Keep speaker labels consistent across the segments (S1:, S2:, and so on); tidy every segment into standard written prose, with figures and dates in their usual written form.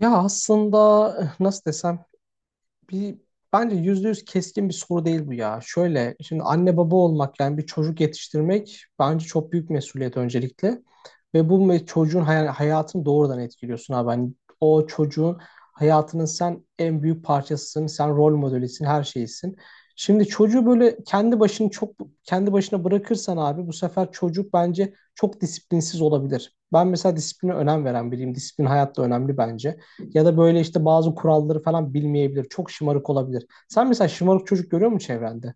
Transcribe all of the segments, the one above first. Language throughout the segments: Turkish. S1: Ya aslında nasıl desem bir bence yüzde yüz keskin bir soru değil bu ya. Şöyle şimdi anne baba olmak yani bir çocuk yetiştirmek bence çok büyük mesuliyet öncelikle. Ve bu çocuğun hayatını doğrudan etkiliyorsun abi. Hani o çocuğun hayatının sen en büyük parçasısın, sen rol modelisin, her şeysin. Şimdi çocuğu böyle kendi başını çok kendi başına bırakırsan abi bu sefer çocuk bence çok disiplinsiz olabilir. Ben mesela disipline önem veren biriyim. Disiplin hayatta önemli bence, ya da böyle işte bazı kuralları falan bilmeyebilir. Çok şımarık olabilir. Sen mesela şımarık çocuk görüyor musun çevrende?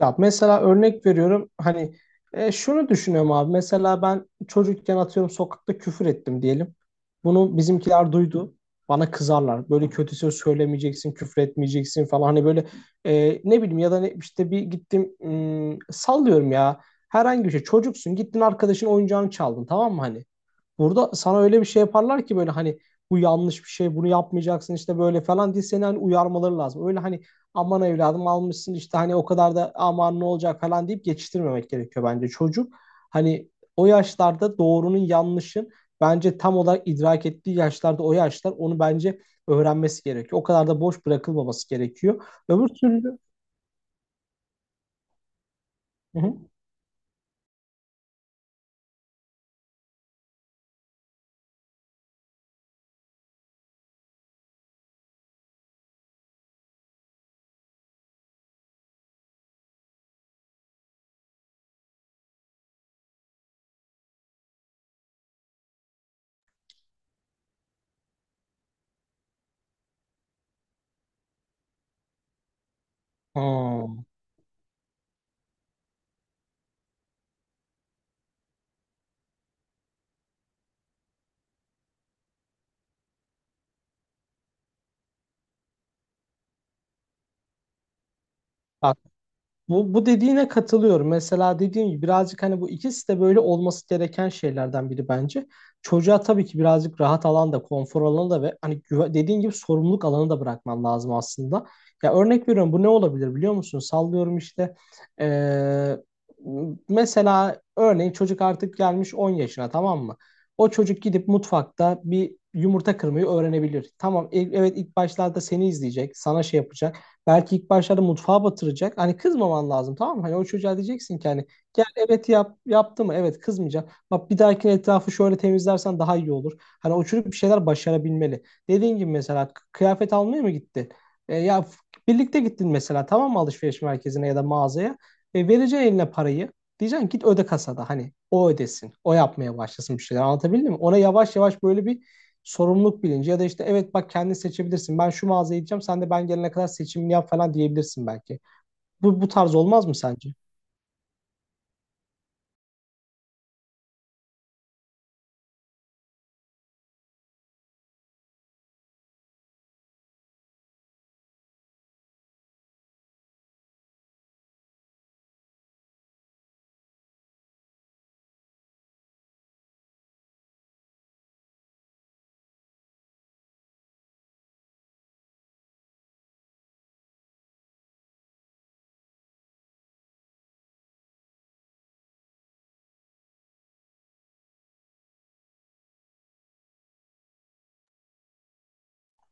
S1: Ya mesela örnek veriyorum hani şunu düşünüyorum abi, mesela ben çocukken atıyorum sokakta küfür ettim diyelim. Bunu bizimkiler duydu. Bana kızarlar. Böyle kötü söz söylemeyeceksin, küfür etmeyeceksin falan. Hani böyle ne bileyim ya da ne, işte bir gittim, sallıyorum ya. Herhangi bir şey. Çocuksun, gittin arkadaşın oyuncağını çaldın, tamam mı hani? Burada sana öyle bir şey yaparlar ki böyle hani bu yanlış bir şey, bunu yapmayacaksın işte böyle falan diye seni hani uyarmaları lazım. Öyle hani aman evladım almışsın işte hani o kadar da aman ne olacak falan deyip geçiştirmemek gerekiyor bence. Çocuk hani o yaşlarda doğrunun yanlışın bence tam olarak idrak ettiği yaşlarda, o yaşlar onu bence öğrenmesi gerekiyor. O kadar da boş bırakılmaması gerekiyor. Öbür türlü... Hı hı. Hmm. Bu dediğine katılıyorum. Mesela dediğim gibi birazcık hani bu ikisi de böyle olması gereken şeylerden biri bence. Çocuğa tabii ki birazcık rahat alan da, konfor alanı da ve hani dediğin gibi sorumluluk alanı da bırakman lazım aslında. Ya örnek veriyorum bu ne olabilir biliyor musun? Sallıyorum işte, eee, mesela örneğin çocuk artık gelmiş 10 yaşına, tamam mı? O çocuk gidip mutfakta bir yumurta kırmayı öğrenebilir. Tamam, evet, ilk başlarda seni izleyecek, sana şey yapacak. Belki ilk başlarda mutfağa batıracak. Hani kızmaman lazım, tamam mı? Hani o çocuğa diyeceksin ki hani gel, evet yap, yaptı mı? Evet, kızmayacağım. Bak bir dahakine etrafı şöyle temizlersen daha iyi olur. Hani o çocuk bir şeyler başarabilmeli. Dediğin gibi mesela kıyafet almaya mı gittin? Ya birlikte gittin mesela, tamam mı, alışveriş merkezine ya da mağazaya? Vereceksin eline parayı. Diyeceksin git öde kasada, hani o ödesin. O yapmaya başlasın bir şeyler, anlatabildim mi? Ona yavaş yavaş böyle bir sorumluluk bilinci ya da işte evet bak kendin seçebilirsin. Ben şu mağazaya gideceğim. Sen de ben gelene kadar seçimini yap falan diyebilirsin belki. Bu tarz olmaz mı sence?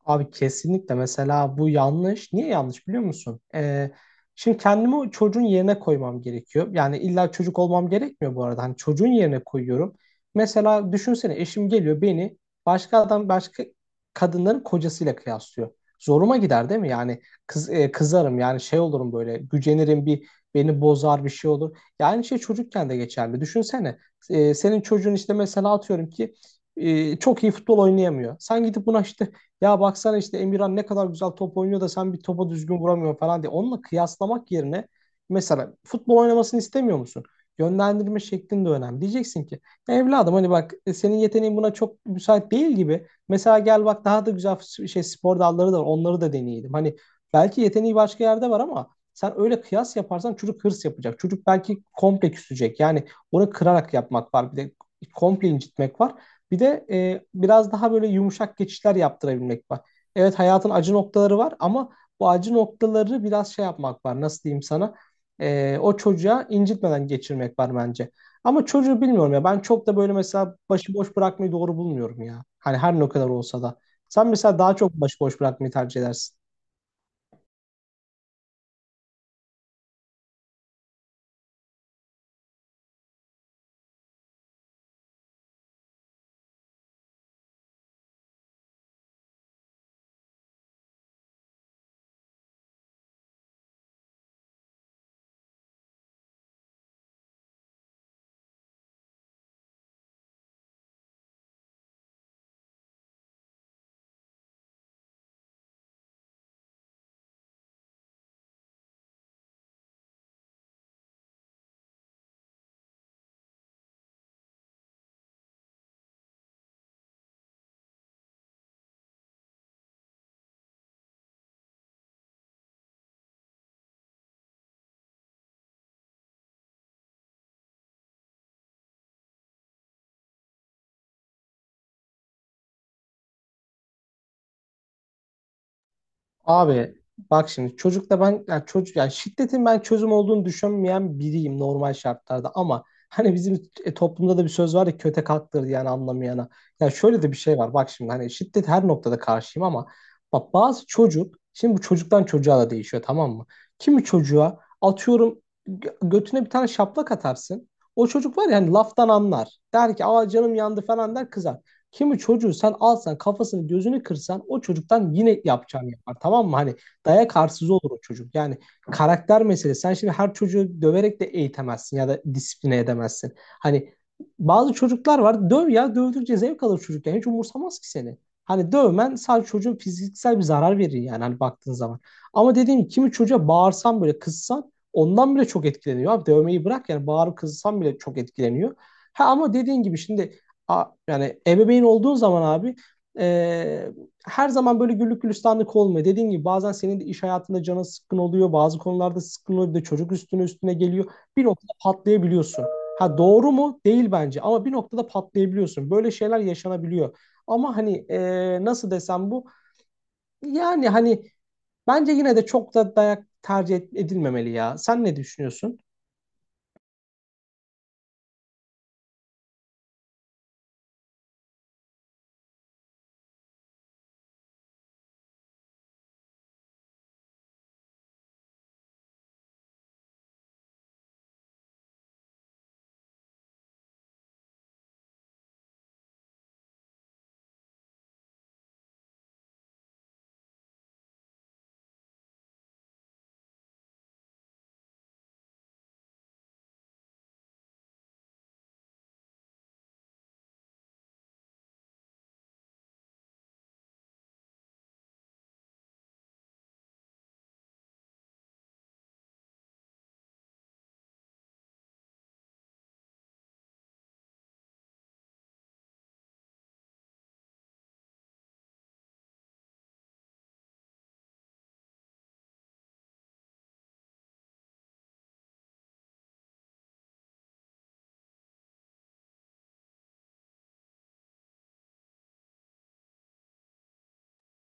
S1: Abi kesinlikle mesela bu yanlış. Niye yanlış biliyor musun? Şimdi kendimi o çocuğun yerine koymam gerekiyor. Yani illa çocuk olmam gerekmiyor bu arada. Hani çocuğun yerine koyuyorum. Mesela düşünsene eşim geliyor, beni başka adam başka kadınların kocasıyla kıyaslıyor. Zoruma gider değil mi? Yani kızarım yani, şey olurum böyle, gücenirim, bir beni bozar, bir şey olur. Yani şey, çocukken de geçerli. Düşünsene senin çocuğun işte mesela atıyorum ki çok iyi futbol oynayamıyor. Sen gidip buna işte ya baksana işte Emirhan ne kadar güzel top oynuyor da sen bir topa düzgün vuramıyorsun falan diye. Onunla kıyaslamak yerine mesela futbol oynamasını istemiyor musun? Yönlendirme şeklin de önemli. Diyeceksin ki: "Ya evladım, hani bak senin yeteneğin buna çok müsait değil gibi. Mesela gel bak daha da güzel şey spor dalları da var. Onları da deneyelim." Hani belki yeteneği başka yerde var ama sen öyle kıyas yaparsan çocuk hırs yapacak. Çocuk belki komple küsecek. Yani onu kırarak yapmak var. Bir de komple incitmek var. Bir de biraz daha böyle yumuşak geçişler yaptırabilmek var. Evet, hayatın acı noktaları var ama bu acı noktaları biraz şey yapmak var. Nasıl diyeyim sana? O çocuğa incitmeden geçirmek var bence. Ama çocuğu bilmiyorum ya. Ben çok da böyle mesela başıboş bırakmayı doğru bulmuyorum ya. Hani her ne kadar olsa da. Sen mesela daha çok başıboş bırakmayı tercih edersin. Abi bak şimdi, çocukta ben yani çocuk yani şiddetin ben çözüm olduğunu düşünmeyen biriyim normal şartlarda ama hani bizim toplumda da bir söz var ya, kötek kalktır yani anlamayana. Ya şöyle de bir şey var bak şimdi hani, şiddet her noktada karşıyım ama bak bazı çocuk şimdi, bu çocuktan çocuğa da değişiyor tamam mı? Kimi çocuğa atıyorum götüne bir tane şaplak atarsın. O çocuk var ya hani laftan anlar. Der ki aa canım yandı falan, der, kızar. Kimi çocuğu sen alsan kafasını gözünü kırsan o çocuktan yine yapacağını yapar, tamam mı? Hani dayak arsızı olur o çocuk. Yani karakter meselesi. Sen şimdi her çocuğu döverek de eğitemezsin ya da disipline edemezsin. Hani bazı çocuklar var, döv ya, dövdükçe zevk alır çocuk yani, hiç umursamaz ki seni. Hani dövmen sadece çocuğun fiziksel bir zarar verir yani, hani baktığın zaman. Ama dediğim gibi kimi çocuğa bağırsan böyle, kızsan, ondan bile çok etkileniyor. Abi dövmeyi bırak yani bağırıp kızsan bile çok etkileniyor. Ha ama dediğin gibi şimdi, yani ebeveyn olduğun zaman abi, e, her zaman böyle güllük gülistanlık olmuyor. Dediğin gibi bazen senin de iş hayatında canın sıkkın oluyor. Bazı konularda sıkkın oluyor. Bir de çocuk üstüne üstüne geliyor. Bir noktada patlayabiliyorsun. Ha, doğru mu? Değil bence. Ama bir noktada patlayabiliyorsun. Böyle şeyler yaşanabiliyor. Ama hani nasıl desem bu? Yani hani bence yine de çok da dayak tercih edilmemeli ya. Sen ne düşünüyorsun?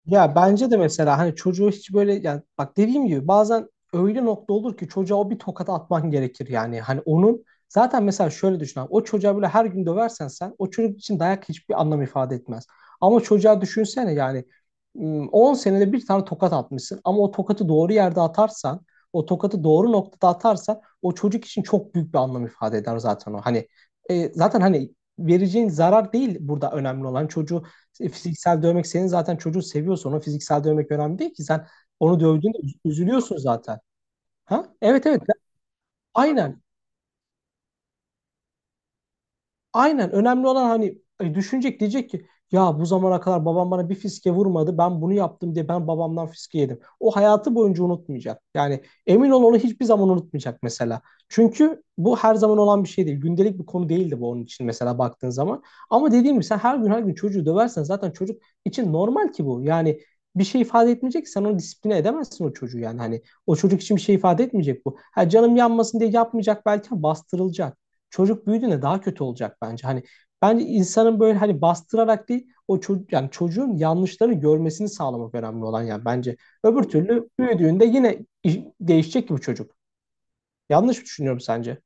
S1: Ya bence de mesela hani çocuğu hiç böyle, yani bak dediğim gibi bazen öyle nokta olur ki çocuğa o bir tokat atman gerekir yani. Hani onun zaten, mesela şöyle düşün abi, o çocuğa böyle her gün döversen sen, o çocuk için dayak hiçbir anlam ifade etmez. Ama çocuğa düşünsene yani, 10 senede bir tane tokat atmışsın ama o tokatı doğru yerde atarsan, o tokatı doğru noktada atarsan o çocuk için çok büyük bir anlam ifade eder zaten o. Hani zaten hani vereceğin zarar değil burada önemli olan çocuğu, fiziksel dövmek, senin zaten çocuğu seviyorsa ona fiziksel dövmek önemli değil ki. Sen onu dövdüğünde üzülüyorsun zaten. Ha? Evet, evet. Aynen. Aynen, önemli olan hani düşünecek, diyecek ki ya bu zamana kadar babam bana bir fiske vurmadı, ben bunu yaptım diye ben babamdan fiske yedim. O hayatı boyunca unutmayacak. Yani emin ol onu hiçbir zaman unutmayacak mesela. Çünkü bu her zaman olan bir şey değil. Gündelik bir konu değildi bu onun için mesela baktığın zaman. Ama dediğim gibi sen her gün her gün çocuğu döversen zaten çocuk için normal ki bu. Yani bir şey ifade etmeyecek ki, sen onu disipline edemezsin o çocuğu yani, hani o çocuk için bir şey ifade etmeyecek bu. Ha, canım yanmasın diye yapmayacak belki ama bastırılacak, çocuk büyüdüğünde daha kötü olacak bence. Hani bence insanın böyle hani bastırarak değil, o çocuk yani çocuğun yanlışları görmesini sağlamak önemli olan yani bence. Öbür türlü büyüdüğünde yine değişecek ki bu çocuk. Yanlış mı düşünüyorum sence?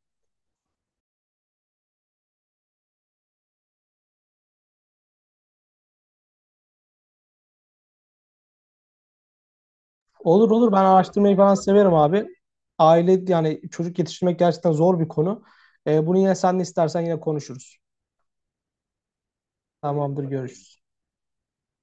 S1: Olur olur, ben araştırmayı falan severim abi. Aile yani çocuk yetiştirmek gerçekten zor bir konu. Bunu yine sen de istersen yine konuşuruz. Tamamdır, görüşürüz.